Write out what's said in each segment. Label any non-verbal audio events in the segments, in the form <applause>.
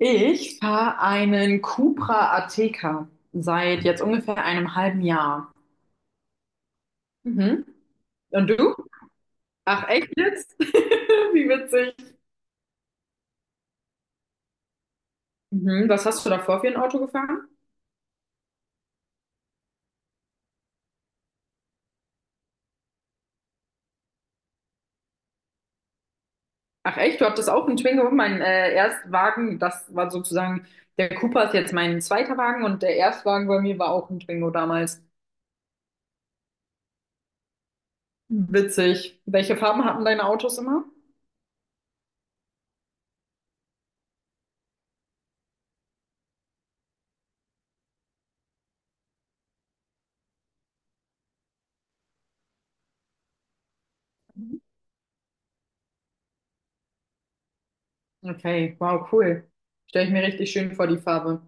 Ich fahre einen Cupra Ateca seit jetzt ungefähr einem halben Jahr. Mhm. Und du? Ach echt jetzt? <laughs> Wie witzig. Mhm. Was hast du davor für ein Auto gefahren? Ach echt, du hattest auch einen Twingo. Mein Erstwagen, das war sozusagen, der Cupra ist jetzt mein zweiter Wagen und der Erstwagen bei mir war auch ein Twingo damals. Witzig. Welche Farben hatten deine Autos immer? Mhm. Okay, wow, cool. Stelle ich mir richtig schön vor, die Farbe.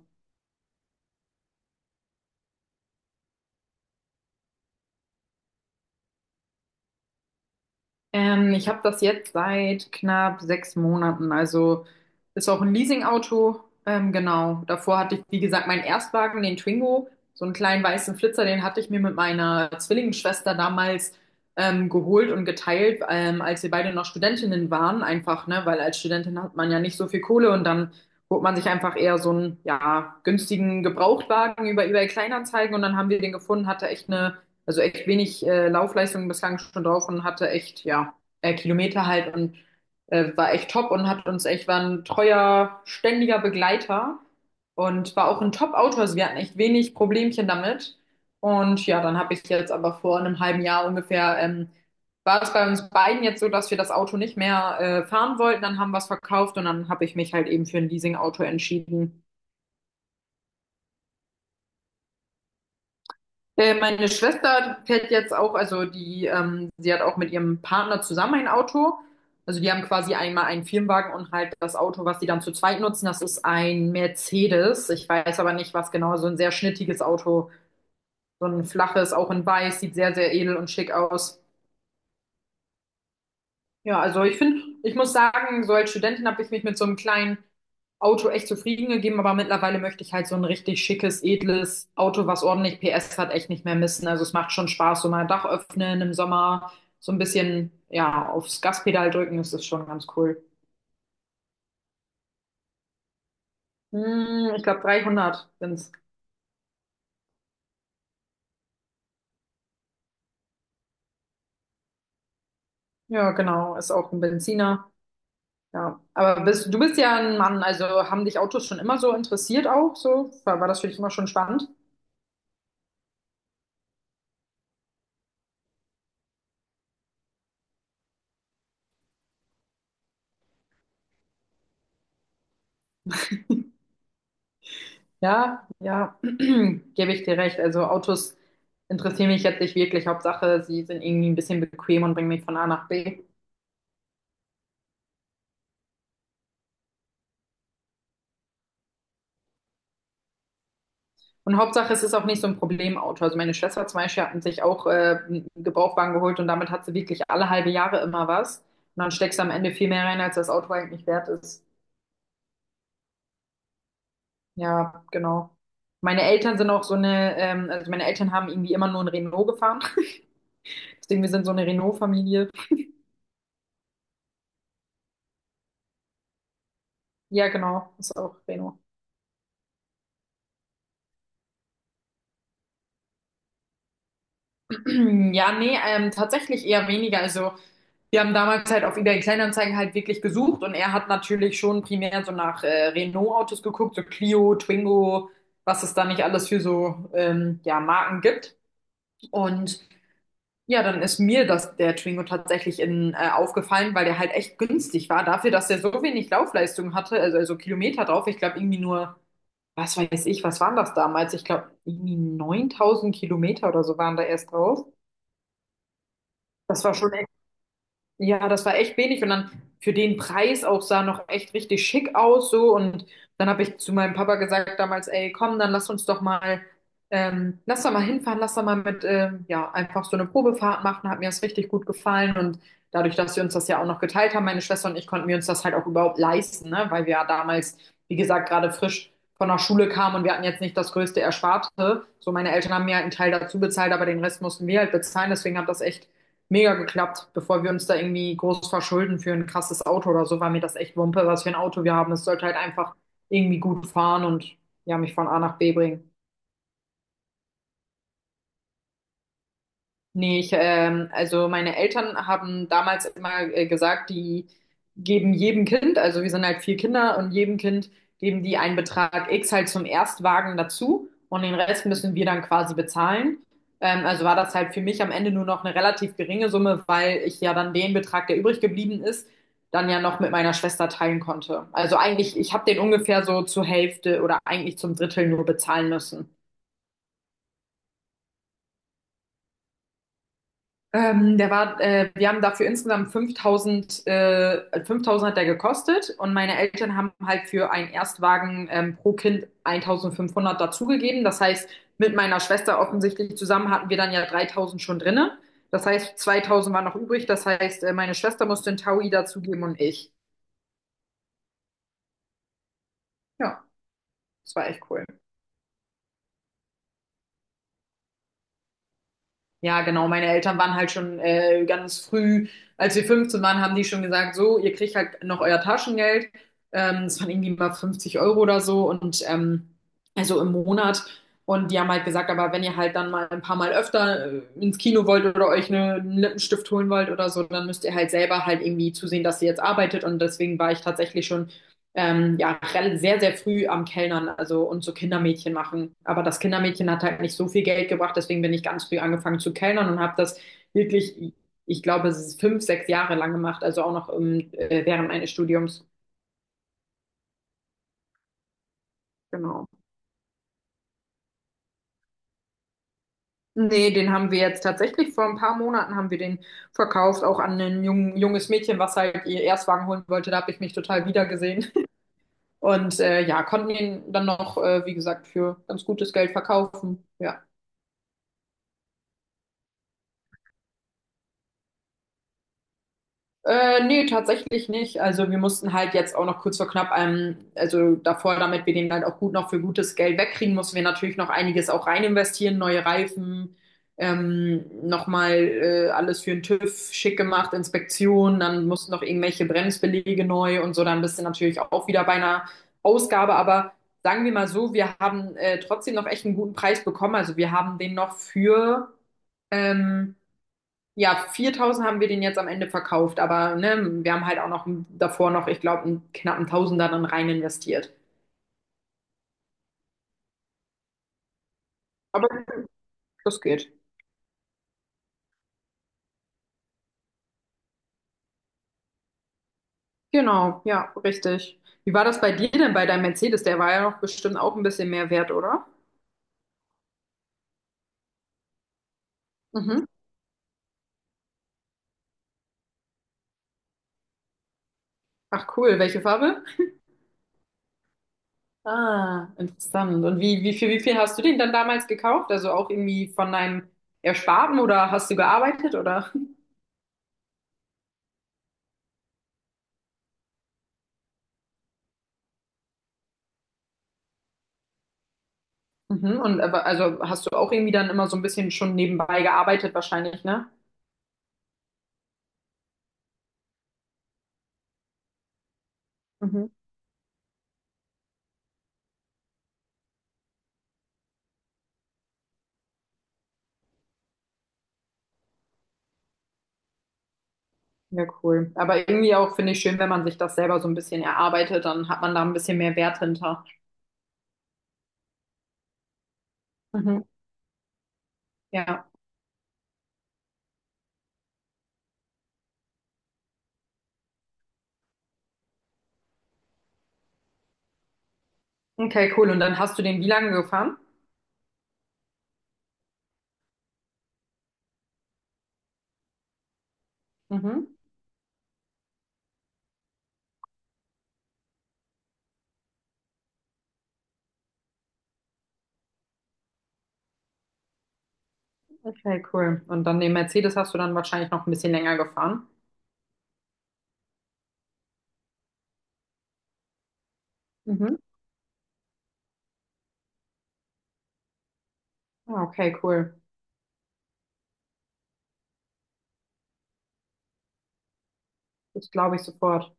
Ich habe das jetzt seit knapp 6 Monaten. Also ist auch ein Leasingauto. Genau. Davor hatte ich, wie gesagt, meinen Erstwagen, den Twingo, so einen kleinen weißen Flitzer, den hatte ich mir mit meiner Zwillingsschwester damals geholt und geteilt, als wir beide noch Studentinnen waren. Einfach, ne, weil als Studentin hat man ja nicht so viel Kohle, und dann holt man sich einfach eher so einen, ja, günstigen Gebrauchtwagen über eBay Kleinanzeigen, und dann haben wir den gefunden, hatte echt eine, also echt wenig Laufleistung bislang schon drauf, und hatte echt, ja, Kilometer halt und war echt top und hat uns echt, war ein treuer, ständiger Begleiter und war auch ein Top-Autor. Also wir hatten echt wenig Problemchen damit. Und ja, dann habe ich jetzt aber vor einem halben Jahr ungefähr, war es bei uns beiden jetzt so, dass wir das Auto nicht mehr fahren wollten. Dann haben wir es verkauft, und dann habe ich mich halt eben für ein Leasing-Auto entschieden. Meine Schwester fährt jetzt auch, also die, sie hat auch mit ihrem Partner zusammen ein Auto. Also die haben quasi einmal einen Firmenwagen und halt das Auto, was sie dann zu zweit nutzen, das ist ein Mercedes. Ich weiß aber nicht, was genau, so ein sehr schnittiges Auto, so ein flaches, auch in weiß, sieht sehr, sehr edel und schick aus. Ja, also ich finde, ich muss sagen, so als Studentin habe ich mich mit so einem kleinen Auto echt zufrieden gegeben, aber mittlerweile möchte ich halt so ein richtig schickes, edles Auto, was ordentlich PS hat, echt nicht mehr missen. Also es macht schon Spaß, so mal Dach öffnen im Sommer, so ein bisschen, ja, aufs Gaspedal drücken, das ist schon ganz cool. Hm, ich glaube 300 sind's. Ja, genau, ist auch ein Benziner. Ja, aber du bist ja ein Mann, also haben dich Autos schon immer so interessiert auch so? War das für dich immer schon spannend? Ja, ja, <clears throat> gebe ich dir recht. Also Autos interessieren mich jetzt nicht wirklich. Hauptsache, sie sind irgendwie ein bisschen bequem und bringen mich von A nach B. Und Hauptsache, es ist auch nicht so ein Problemauto. Also meine Schwester zum Beispiel hat sich auch einen Gebrauchtwagen geholt, und damit hat sie wirklich alle halbe Jahre immer was. Und dann steckst du am Ende viel mehr rein, als das Auto eigentlich wert ist. Ja, genau. Meine Eltern sind auch so eine, also meine Eltern haben irgendwie immer nur ein Renault gefahren. <laughs> Deswegen, wir sind so eine Renault-Familie. Ja, genau, ist auch Renault. <clears throat> Ja, nee, tatsächlich eher weniger. Also, wir haben damals halt auf eBay Kleinanzeigen halt wirklich gesucht, und er hat natürlich schon primär so nach Renault-Autos geguckt, so Clio, Twingo, was es da nicht alles für so ja, Marken gibt. Und ja, dann ist mir das, der Twingo tatsächlich aufgefallen, weil der halt echt günstig war dafür, dass der so wenig Laufleistung hatte, also Kilometer drauf. Ich glaube, irgendwie nur, was weiß ich, was waren das damals? Ich glaube, irgendwie 9000 Kilometer oder so waren da erst drauf. Das war schon, ja, das war echt wenig, und dann für den Preis auch sah noch echt richtig schick aus so, und dann habe ich zu meinem Papa gesagt damals, ey, komm, dann lass uns doch mal, lass da mal hinfahren, lass da mal mit, ja, einfach so eine Probefahrt machen, hat mir das richtig gut gefallen, und dadurch, dass wir uns das ja auch noch geteilt haben, meine Schwester und ich, konnten wir uns das halt auch überhaupt leisten, ne, weil wir ja damals, wie gesagt, gerade frisch von der Schule kamen und wir hatten jetzt nicht das größte Ersparte, so meine Eltern haben mir halt einen Teil dazu bezahlt, aber den Rest mussten wir halt bezahlen, deswegen hat das echt mega geklappt. Bevor wir uns da irgendwie groß verschulden für ein krasses Auto oder so, war mir das echt Wumpe, was für ein Auto wir haben. Es sollte halt einfach irgendwie gut fahren und ja, mich von A nach B bringen. Nee, also meine Eltern haben damals immer gesagt, die geben jedem Kind, also wir sind halt vier Kinder, und jedem Kind geben die einen Betrag X halt zum Erstwagen dazu, und den Rest müssen wir dann quasi bezahlen. Also war das halt für mich am Ende nur noch eine relativ geringe Summe, weil ich ja dann den Betrag, der übrig geblieben ist, dann ja noch mit meiner Schwester teilen konnte. Also eigentlich, ich habe den ungefähr so zur Hälfte oder eigentlich zum Drittel nur bezahlen müssen. Wir haben dafür insgesamt 5000. 5000 hat der gekostet, und meine Eltern haben halt für einen Erstwagen pro Kind 1500 dazugegeben. Das heißt, mit meiner Schwester offensichtlich zusammen hatten wir dann ja 3000 schon drinne. Das heißt, 2000 war noch übrig. Das heißt, meine Schwester musste einen Taui dazugeben, und ich. Ja, das war echt cool. Ja, genau. Meine Eltern waren halt schon ganz früh, als wir 15 waren, haben die schon gesagt, so, ihr kriegt halt noch euer Taschengeld. Das waren irgendwie mal 50 € oder so, und also im Monat. Und die haben halt gesagt, aber wenn ihr halt dann mal ein paar Mal öfter ins Kino wollt oder einen Lippenstift holen wollt oder so, dann müsst ihr halt selber halt irgendwie zusehen, dass ihr jetzt arbeitet. Und deswegen war ich tatsächlich schon ja, sehr, sehr früh am Kellnern, also und so Kindermädchen machen. Aber das Kindermädchen hat halt nicht so viel Geld gebracht, deswegen bin ich ganz früh angefangen zu kellnern und habe das wirklich, ich glaube, es ist 5, 6 Jahre lang gemacht, also auch noch im, während meines Studiums. Genau. Nee, den haben wir jetzt tatsächlich vor ein paar Monaten haben wir den verkauft, auch an ein junges Mädchen, was halt ihr Erstwagen holen wollte. Da habe ich mich total wiedergesehen. Und ja, konnten ihn dann noch, wie gesagt, für ganz gutes Geld verkaufen. Ja. Nee, tatsächlich nicht. Also wir mussten halt jetzt auch noch kurz vor knapp, also davor, damit wir den halt auch gut noch für gutes Geld wegkriegen, mussten wir natürlich noch einiges auch rein investieren, neue Reifen, nochmal alles für den TÜV schick gemacht, Inspektion, dann mussten noch irgendwelche Bremsbeläge neu und so, dann bist du natürlich auch wieder bei einer Ausgabe, aber sagen wir mal so, wir haben trotzdem noch echt einen guten Preis bekommen. Also wir haben den noch für ähm, ja, 4000 haben wir den jetzt am Ende verkauft, aber ne, wir haben halt auch noch davor noch, ich glaube, einen knappen Tausender dann rein investiert. Aber das geht. Genau, ja, richtig. Wie war das bei dir denn bei deinem Mercedes? Der war ja noch bestimmt auch ein bisschen mehr wert, oder? Mhm. Ach cool, welche Farbe? Ah, interessant. Und wie viel hast du den dann damals gekauft? Also auch irgendwie von deinem Ersparten oder hast du gearbeitet oder? Mhm. Also hast du auch irgendwie dann immer so ein bisschen schon nebenbei gearbeitet wahrscheinlich, ne? Ja, cool. Aber irgendwie auch finde ich schön, wenn man sich das selber so ein bisschen erarbeitet, dann hat man da ein bisschen mehr Wert hinter. Mhm. Ja. Okay, cool. Und dann hast du den wie lange gefahren? Mhm. Okay, cool. Und dann den Mercedes hast du dann wahrscheinlich noch ein bisschen länger gefahren. Mhm. Ah, Okay, cool. Das glaube ich sofort.